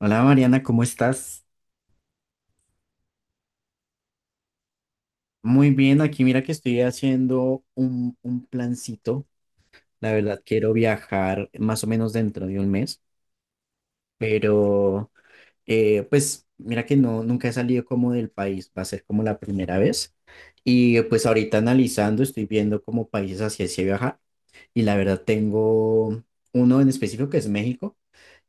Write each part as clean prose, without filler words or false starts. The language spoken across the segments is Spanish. Hola Mariana, ¿cómo estás? Muy bien, aquí mira que estoy haciendo un plancito. La verdad, quiero viajar más o menos dentro de un mes, pero pues mira que no, nunca he salido como del país, va a ser como la primera vez. Y pues ahorita analizando, estoy viendo como países hacia ese viajar y la verdad tengo uno en específico que es México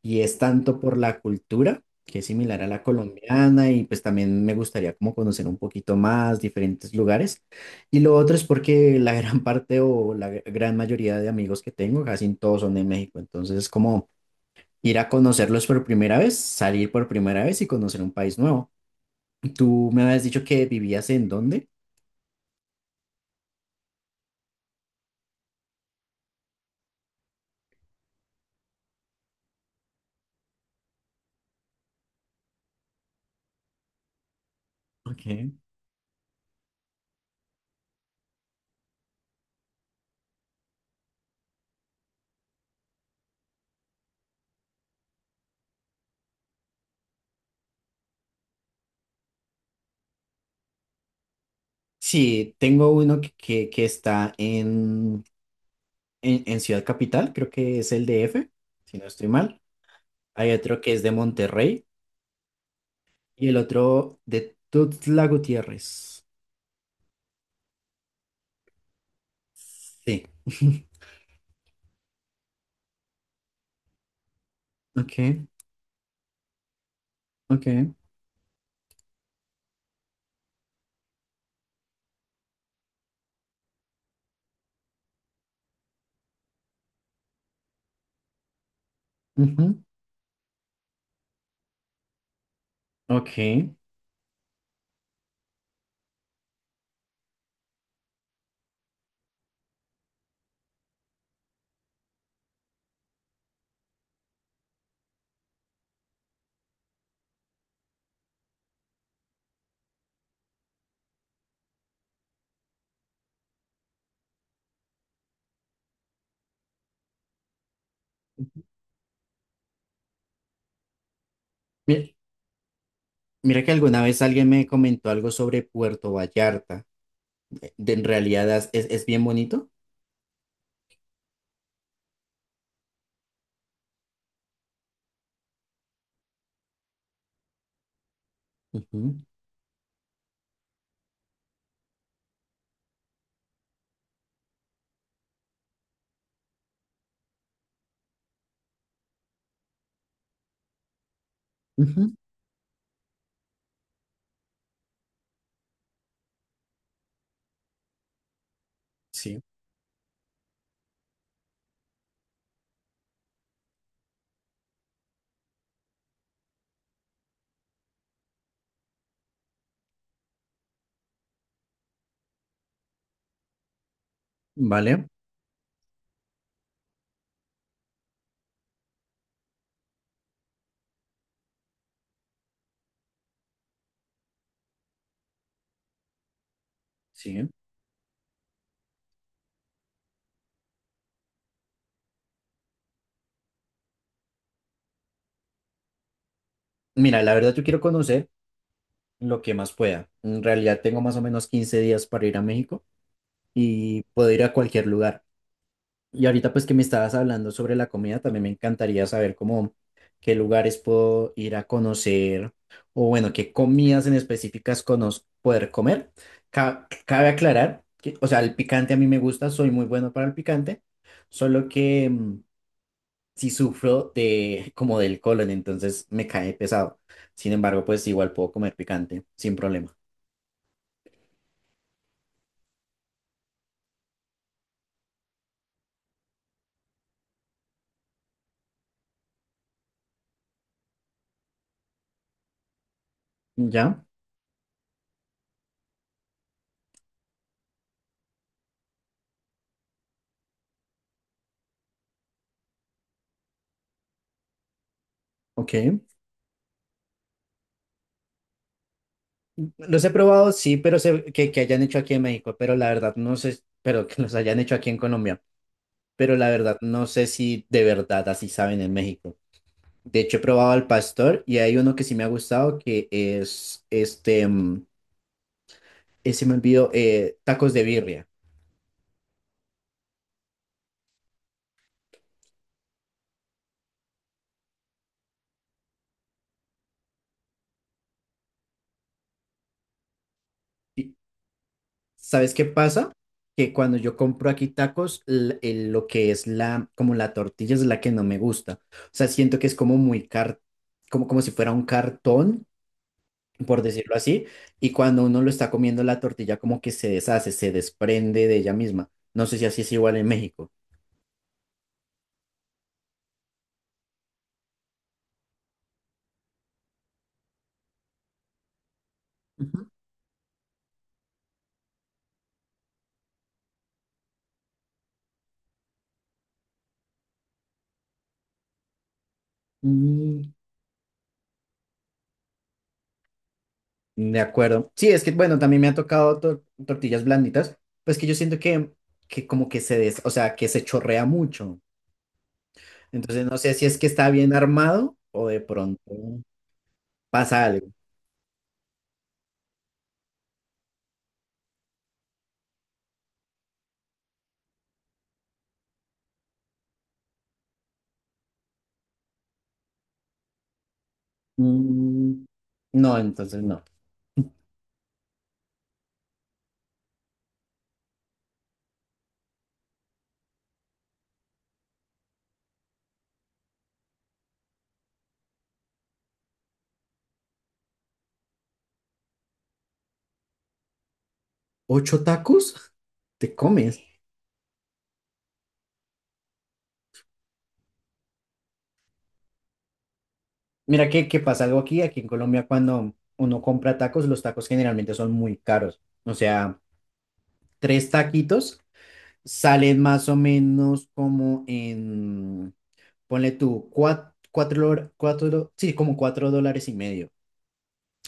y es tanto por la cultura, que es similar a la colombiana, y pues también me gustaría como conocer un poquito más diferentes lugares. Y lo otro es porque la gran parte o la gran mayoría de amigos que tengo, casi todos son de México, entonces es como ir a conocerlos por primera vez, salir por primera vez y conocer un país nuevo. ¿Tú me habías dicho que vivías en dónde? Ok. Sí, tengo uno que está en Ciudad Capital, creo que es el DF, si no estoy mal. Hay otro que es de Monterrey y el otro de Tuxtla Gutiérrez. Sí. Ok, ok. Ujú, ok. Mi- Mira que alguna vez alguien me comentó algo sobre Puerto Vallarta. En realidad es bien bonito. Ujú, ujú, sí, vale. Sí. Mira, la verdad yo quiero conocer lo que más pueda. En realidad tengo más o menos 15 días para ir a México y puedo ir a cualquier lugar. Y ahorita pues que me estabas hablando sobre la comida, también me encantaría saber cómo qué lugares puedo ir a conocer o bueno, qué comidas en específicas poder comer. Cabe aclarar que, o sea, el picante a mí me gusta, soy muy bueno para el picante, solo que sí sufro de como del colon, entonces me cae pesado. Sin embargo, pues igual puedo comer picante sin problema. ¿Ya? Ok. Los he probado, sí, pero sé que hayan hecho aquí en México, pero la verdad no sé, pero que los hayan hecho aquí en Colombia, pero la verdad no sé si de verdad así saben en México. De hecho, he probado al pastor y hay uno que sí me ha gustado que es este, se me olvidó, tacos de birria. Y, ¿Sabes qué pasa? Que cuando yo compro aquí tacos, lo que es como la tortilla es la que no me gusta. O sea, siento que es como muy como si fuera un cartón por decirlo así, y cuando uno lo está comiendo la tortilla como que se deshace, se desprende de ella misma. No sé si así es igual en México. Ujú. Mm, de acuerdo. Sí, es que bueno, también me ha tocado tortillas blanditas, pues que yo siento que como que o sea, que se chorrea mucho. Entonces no sé si es que está bien armado o de pronto pasa algo. Mm, no, entonces no. ¿Ocho tacos? ¿Te comes? Mira que pasa algo aquí en Colombia cuando uno compra tacos, los tacos generalmente son muy caros. O sea, tres taquitos salen más o menos como ponle tú, cuatro, cuatro, cuatro, sí, como 4,50 dólares.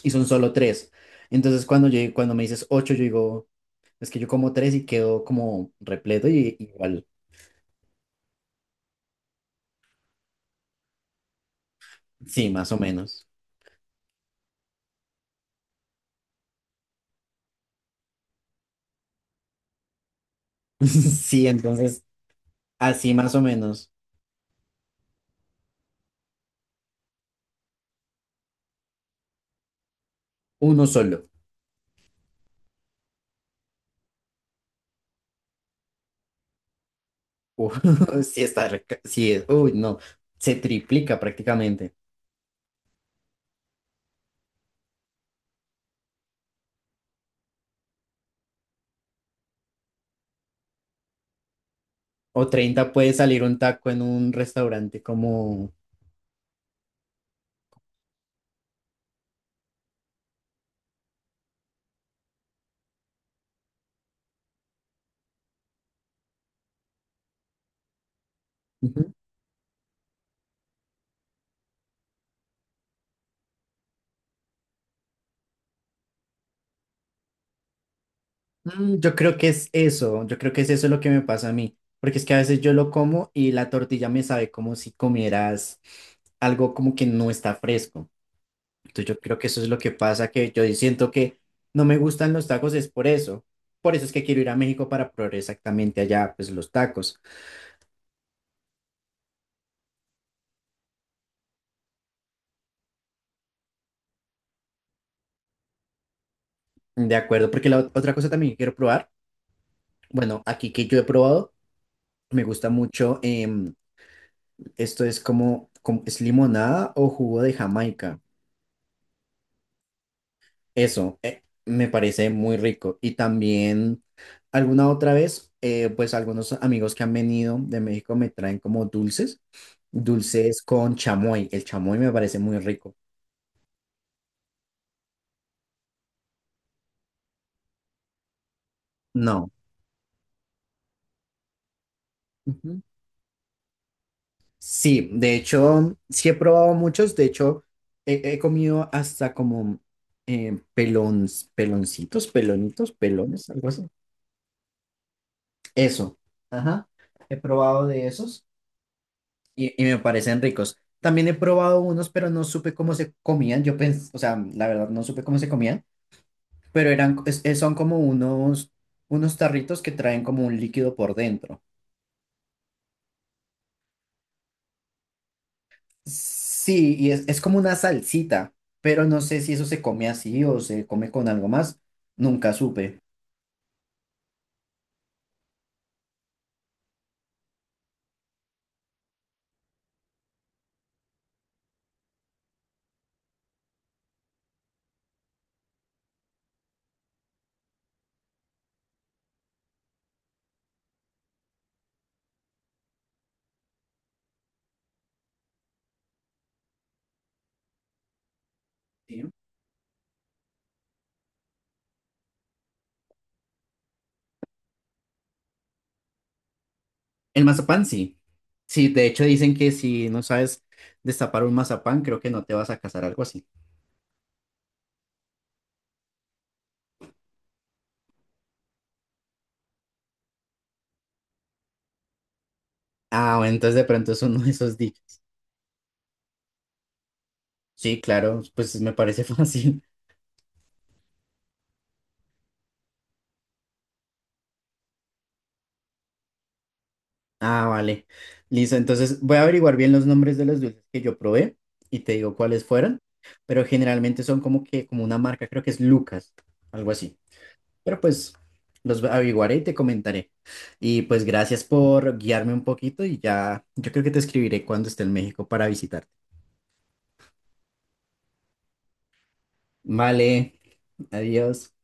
Y son solo tres. Entonces cuando me dices ocho, yo digo, es que yo como tres y quedo como repleto y igual, sí, más o menos. Sí, entonces así más o menos, uno solo. Uf, sí está, sí, uy, no, se triplica prácticamente. O 30 puede salir un taco en un restaurante como... Ujú. Yo creo que es eso, yo creo que es eso lo que me pasa a mí, porque es que a veces yo lo como y la tortilla me sabe como si comieras algo como que no está fresco. Entonces yo creo que eso es lo que pasa, que yo siento que no me gustan los tacos, es por eso. Por eso es que quiero ir a México para probar exactamente allá, pues los tacos. De acuerdo, porque la otra cosa también que quiero probar. Bueno, aquí que yo he probado, me gusta mucho, esto es limonada o jugo de Jamaica. Eso, me parece muy rico. Y también alguna otra vez, pues algunos amigos que han venido de México me traen como dulces, dulces con chamoy. El chamoy me parece muy rico. No. Sí, de hecho, sí he probado muchos. De hecho, he comido hasta como eh, pelon- peloncitos, pelonitos, pelones, algo así. Eso. Ajá. He probado de esos y me parecen ricos. También he probado unos, pero no supe cómo se comían. Yo pensé, o sea, la verdad, no supe cómo se comían, pero eran, son como unos tarritos que traen como un líquido por dentro. Sí, y es como una salsita, pero no sé si eso se come así o se come con algo más. Nunca supe. Sí. El mazapán sí. Sí, de hecho dicen que si no sabes destapar un mazapán, creo que no te vas a casar, algo así. Ah, bueno, entonces de pronto es uno de esos dichos. Sí, claro, pues me parece fácil. Ah, vale. Listo, entonces voy a averiguar bien los nombres de los dulces que yo probé y te digo cuáles fueron, pero generalmente son como que, como una marca, creo que es Lucas, algo así. Pero pues los averiguaré y te comentaré. Y pues gracias por guiarme un poquito y ya, yo creo que te escribiré cuando esté en México para visitarte. Vale, adiós.